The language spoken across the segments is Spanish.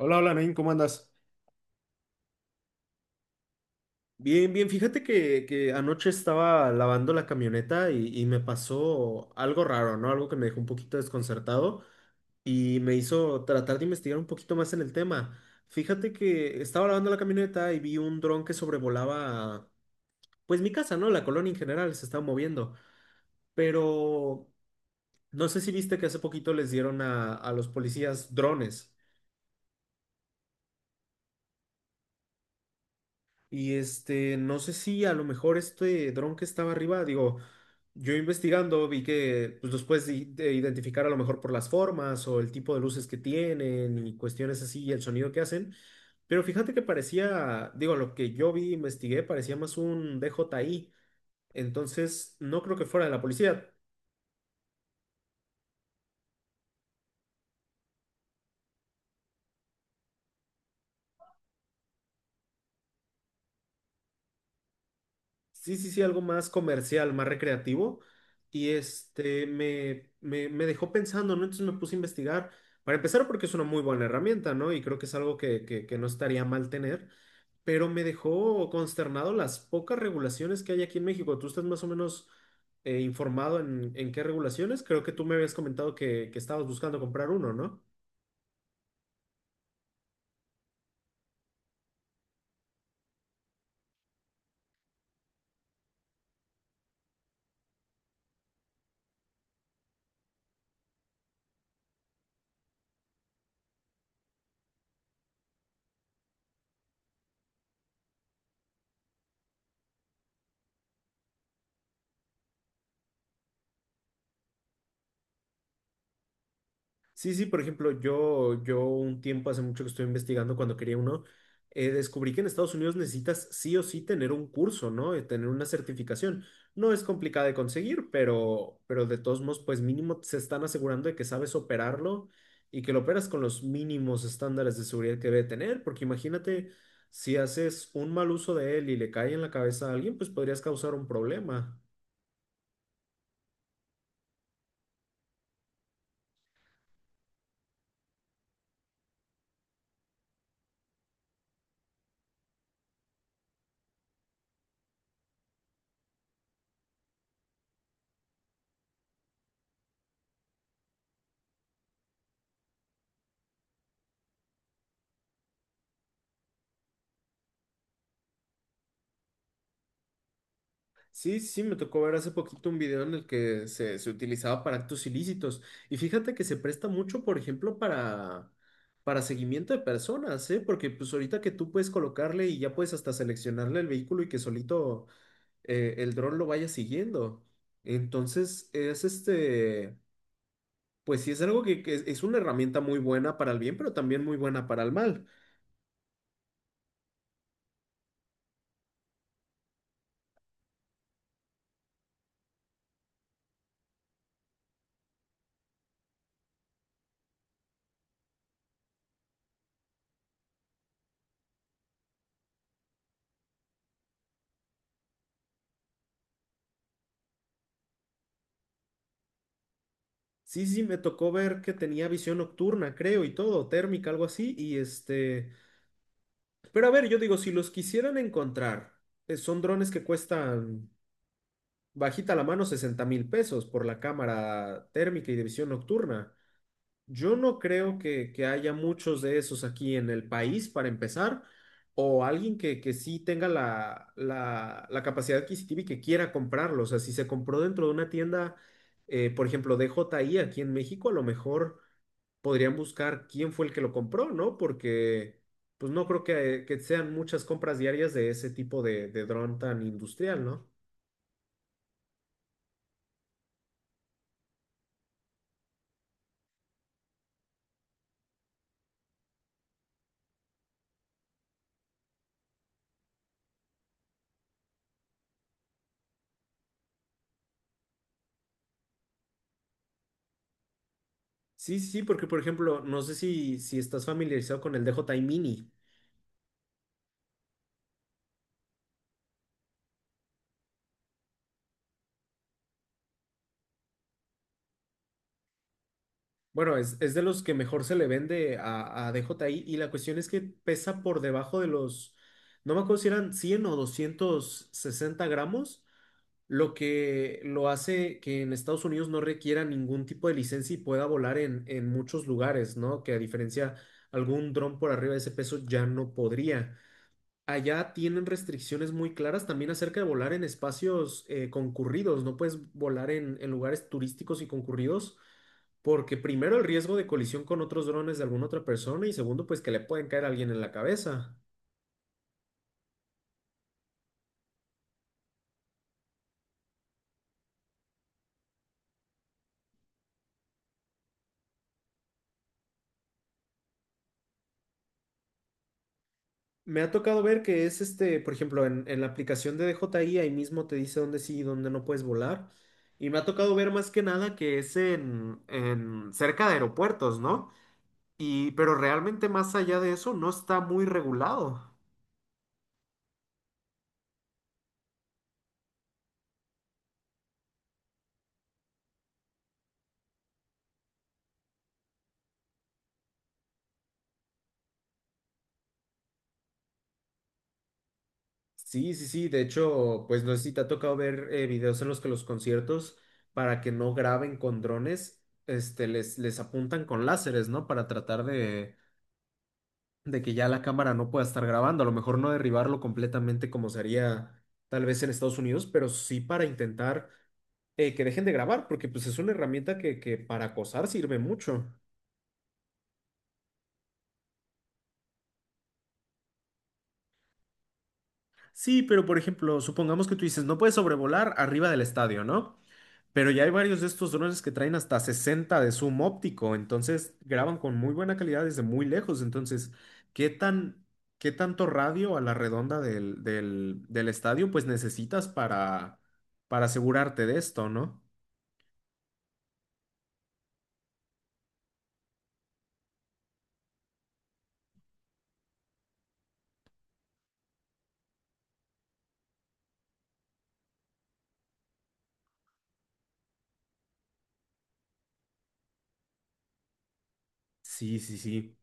Hola, hola, Nain, ¿cómo andas? Bien, bien, fíjate que anoche estaba lavando la camioneta y me pasó algo raro, ¿no? Algo que me dejó un poquito desconcertado y me hizo tratar de investigar un poquito más en el tema. Fíjate que estaba lavando la camioneta y vi un dron que sobrevolaba, pues mi casa, ¿no? La colonia en general se estaba moviendo, pero no sé si viste que hace poquito les dieron a los policías drones. Y este, no sé si a lo mejor este dron que estaba arriba, digo, yo investigando vi que pues, los puedes i- de identificar a lo mejor por las formas o el tipo de luces que tienen y cuestiones así y el sonido que hacen. Pero fíjate que parecía, digo, lo que yo vi, investigué, parecía más un DJI. Entonces, no creo que fuera de la policía. Sí, sí, sí, algo más comercial, más recreativo. Y este me dejó pensando, ¿no? Entonces me puse a investigar. Para empezar, porque es una muy buena herramienta, ¿no? Y creo que es algo que no estaría mal tener. Pero me dejó consternado las pocas regulaciones que hay aquí en México. Tú estás más o menos informado en qué regulaciones. Creo que tú me habías comentado que estabas buscando comprar uno, ¿no? Sí, sí, por ejemplo, yo un tiempo hace mucho que estoy investigando cuando quería uno, descubrí que en Estados Unidos necesitas sí o sí tener un curso, ¿no? Tener una certificación. No es complicada de conseguir, pero de todos modos, pues mínimo se están asegurando de que sabes operarlo y que lo operas con los mínimos estándares de seguridad que debe tener, porque imagínate, si haces un mal uso de él y le cae en la cabeza a alguien, pues podrías causar un problema. Sí, sí, sí, me tocó ver hace poquito un video en el que se utilizaba para actos ilícitos. Y fíjate que se presta mucho, por ejemplo, para seguimiento de personas, ¿eh? Porque pues ahorita que tú puedes colocarle y ya puedes hasta seleccionarle el vehículo y que solito el dron lo vaya siguiendo. Entonces, es este, pues sí, es algo que, que es una herramienta muy buena para el bien, pero también muy buena para el mal. Sí, sí, me tocó ver que tenía visión nocturna, creo, y todo, térmica, algo así, y este... Pero a ver, yo digo, si los quisieran encontrar, son drones que cuestan bajita la mano 60,000 pesos por la cámara térmica y de visión nocturna. Yo no creo que haya muchos de esos aquí en el país para empezar, o alguien que sí tenga la capacidad adquisitiva y que quiera comprarlo. O sea, si se compró dentro de una tienda, por ejemplo, DJI aquí en México, a lo mejor podrían buscar quién fue el que lo compró, ¿no? Porque pues no creo que sean muchas compras diarias de ese tipo de dron tan industrial, ¿no? Sí, sí, sí, porque por ejemplo, no sé si estás familiarizado con el DJI Mini. Bueno, es de los que mejor se le vende a DJI y la cuestión es que pesa por debajo de los, no me acuerdo si eran 100 o 260 gramos lo que lo hace que en Estados Unidos no requiera ningún tipo de licencia y pueda volar en muchos lugares, ¿no? Que a diferencia algún dron por arriba de ese peso ya no podría. Allá tienen restricciones muy claras también acerca de volar en espacios concurridos, no puedes volar en lugares turísticos y concurridos. Porque primero el riesgo de colisión con otros drones de alguna otra persona y segundo pues que le pueden caer a alguien en la cabeza. Me ha tocado ver que es este, por ejemplo, en la aplicación de DJI ahí mismo te dice dónde sí y dónde no puedes volar. Y me ha tocado ver más que nada que es en cerca de aeropuertos, ¿no? Y, pero realmente más allá de eso no está muy regulado. Sí, sí, sí. De hecho, pues no sé si te ha tocado ver videos en los que los conciertos, para que no graben con drones, este, les apuntan con láseres, ¿no? Para tratar de que ya la cámara no pueda estar grabando, a lo mejor no derribarlo completamente como se haría tal vez en Estados Unidos, pero sí para intentar que dejen de grabar, porque pues es una herramienta que para acosar sirve mucho. Sí, pero por ejemplo, supongamos que tú dices, no puedes sobrevolar arriba del estadio, ¿no? Pero ya hay varios de estos drones que traen hasta 60 de zoom óptico, entonces graban con muy buena calidad desde muy lejos. Entonces, ¿qué tan, qué tanto radio a la redonda del estadio pues necesitas para asegurarte de esto, ¿no? Sí, sí, sí.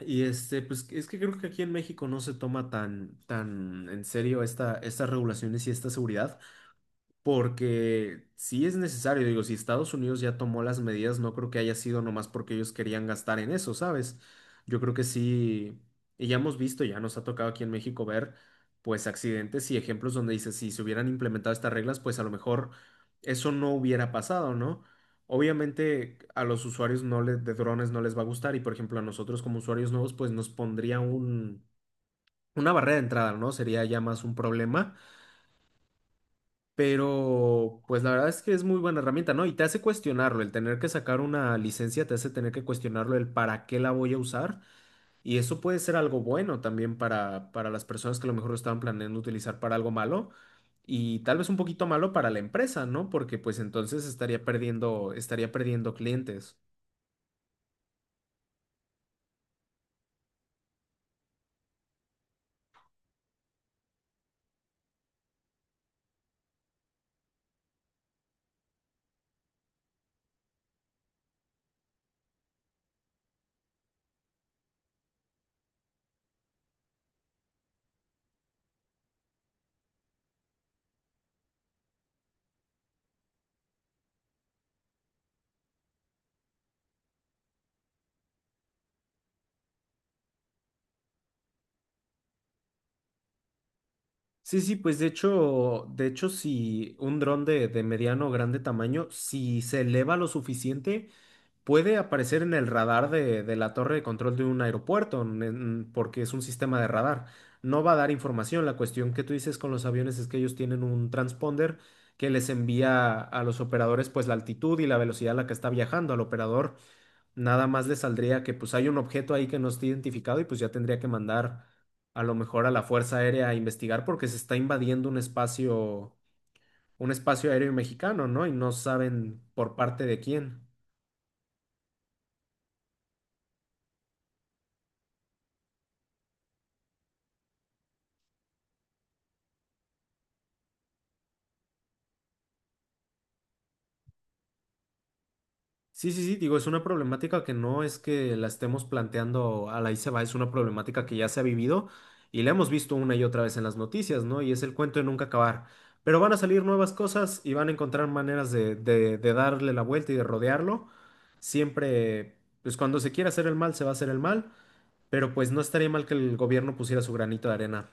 Y este, pues es que creo que aquí en México no se toma tan, tan en serio esta, estas regulaciones y esta seguridad. Porque sí es necesario, digo, si Estados Unidos ya tomó las medidas, no creo que haya sido nomás porque ellos querían gastar en eso, ¿sabes? Yo creo que sí, y ya hemos visto, ya nos ha tocado aquí en México ver, pues, accidentes y ejemplos donde dice, si se hubieran implementado estas reglas, pues a lo mejor eso no hubiera pasado, ¿no? Obviamente a los usuarios de drones no les va a gustar y, por ejemplo, a nosotros como usuarios nuevos, pues nos pondría un, una barrera de entrada, ¿no? Sería ya más un problema. Pero, pues la verdad es que es muy buena herramienta, ¿no? Y te hace cuestionarlo, el tener que sacar una licencia te hace tener que cuestionarlo el para qué la voy a usar. Y eso puede ser algo bueno también para las personas que a lo mejor lo estaban planeando utilizar para algo malo y tal vez un poquito malo para la empresa, ¿no? Porque pues entonces estaría perdiendo clientes. Sí, sí, pues de hecho, si un dron de mediano o grande tamaño, si se eleva lo suficiente, puede aparecer en el radar de la torre de control de un aeropuerto, porque es un sistema de radar. No va a dar información. La cuestión que tú dices con los aviones es que ellos tienen un transponder que les envía a los operadores pues la altitud y la velocidad a la que está viajando. Al operador nada más le saldría que pues hay un objeto ahí que no está identificado y pues ya tendría que mandar a lo mejor a la Fuerza Aérea a investigar porque se está invadiendo un espacio aéreo mexicano, ¿no? Y no saben por parte de quién. Sí, sí, sí, digo, es una problemática que no es que la estemos planteando a la ahí se va, es una problemática que ya se ha vivido y la hemos visto una y otra vez en las noticias, ¿no? Y es el cuento de nunca acabar. Pero van a salir nuevas cosas y van a encontrar maneras de, de darle la vuelta y de rodearlo. Siempre, pues cuando se quiera hacer el mal, se va a hacer el mal, pero pues no estaría mal que el gobierno pusiera su granito de arena.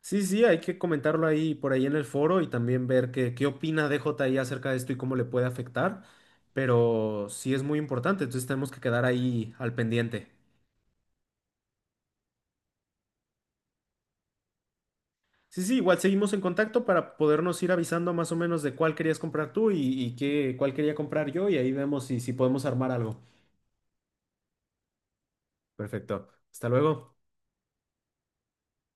Sí, sí, hay que comentarlo ahí por ahí en el foro y también ver qué, qué opina DJI acerca de esto y cómo le puede afectar, pero sí es muy importante, entonces tenemos que quedar ahí al pendiente. Sí, sí, igual seguimos en contacto para podernos ir avisando más o menos de cuál querías comprar tú y qué, cuál quería comprar yo y ahí vemos si, si podemos armar algo. Perfecto, hasta luego.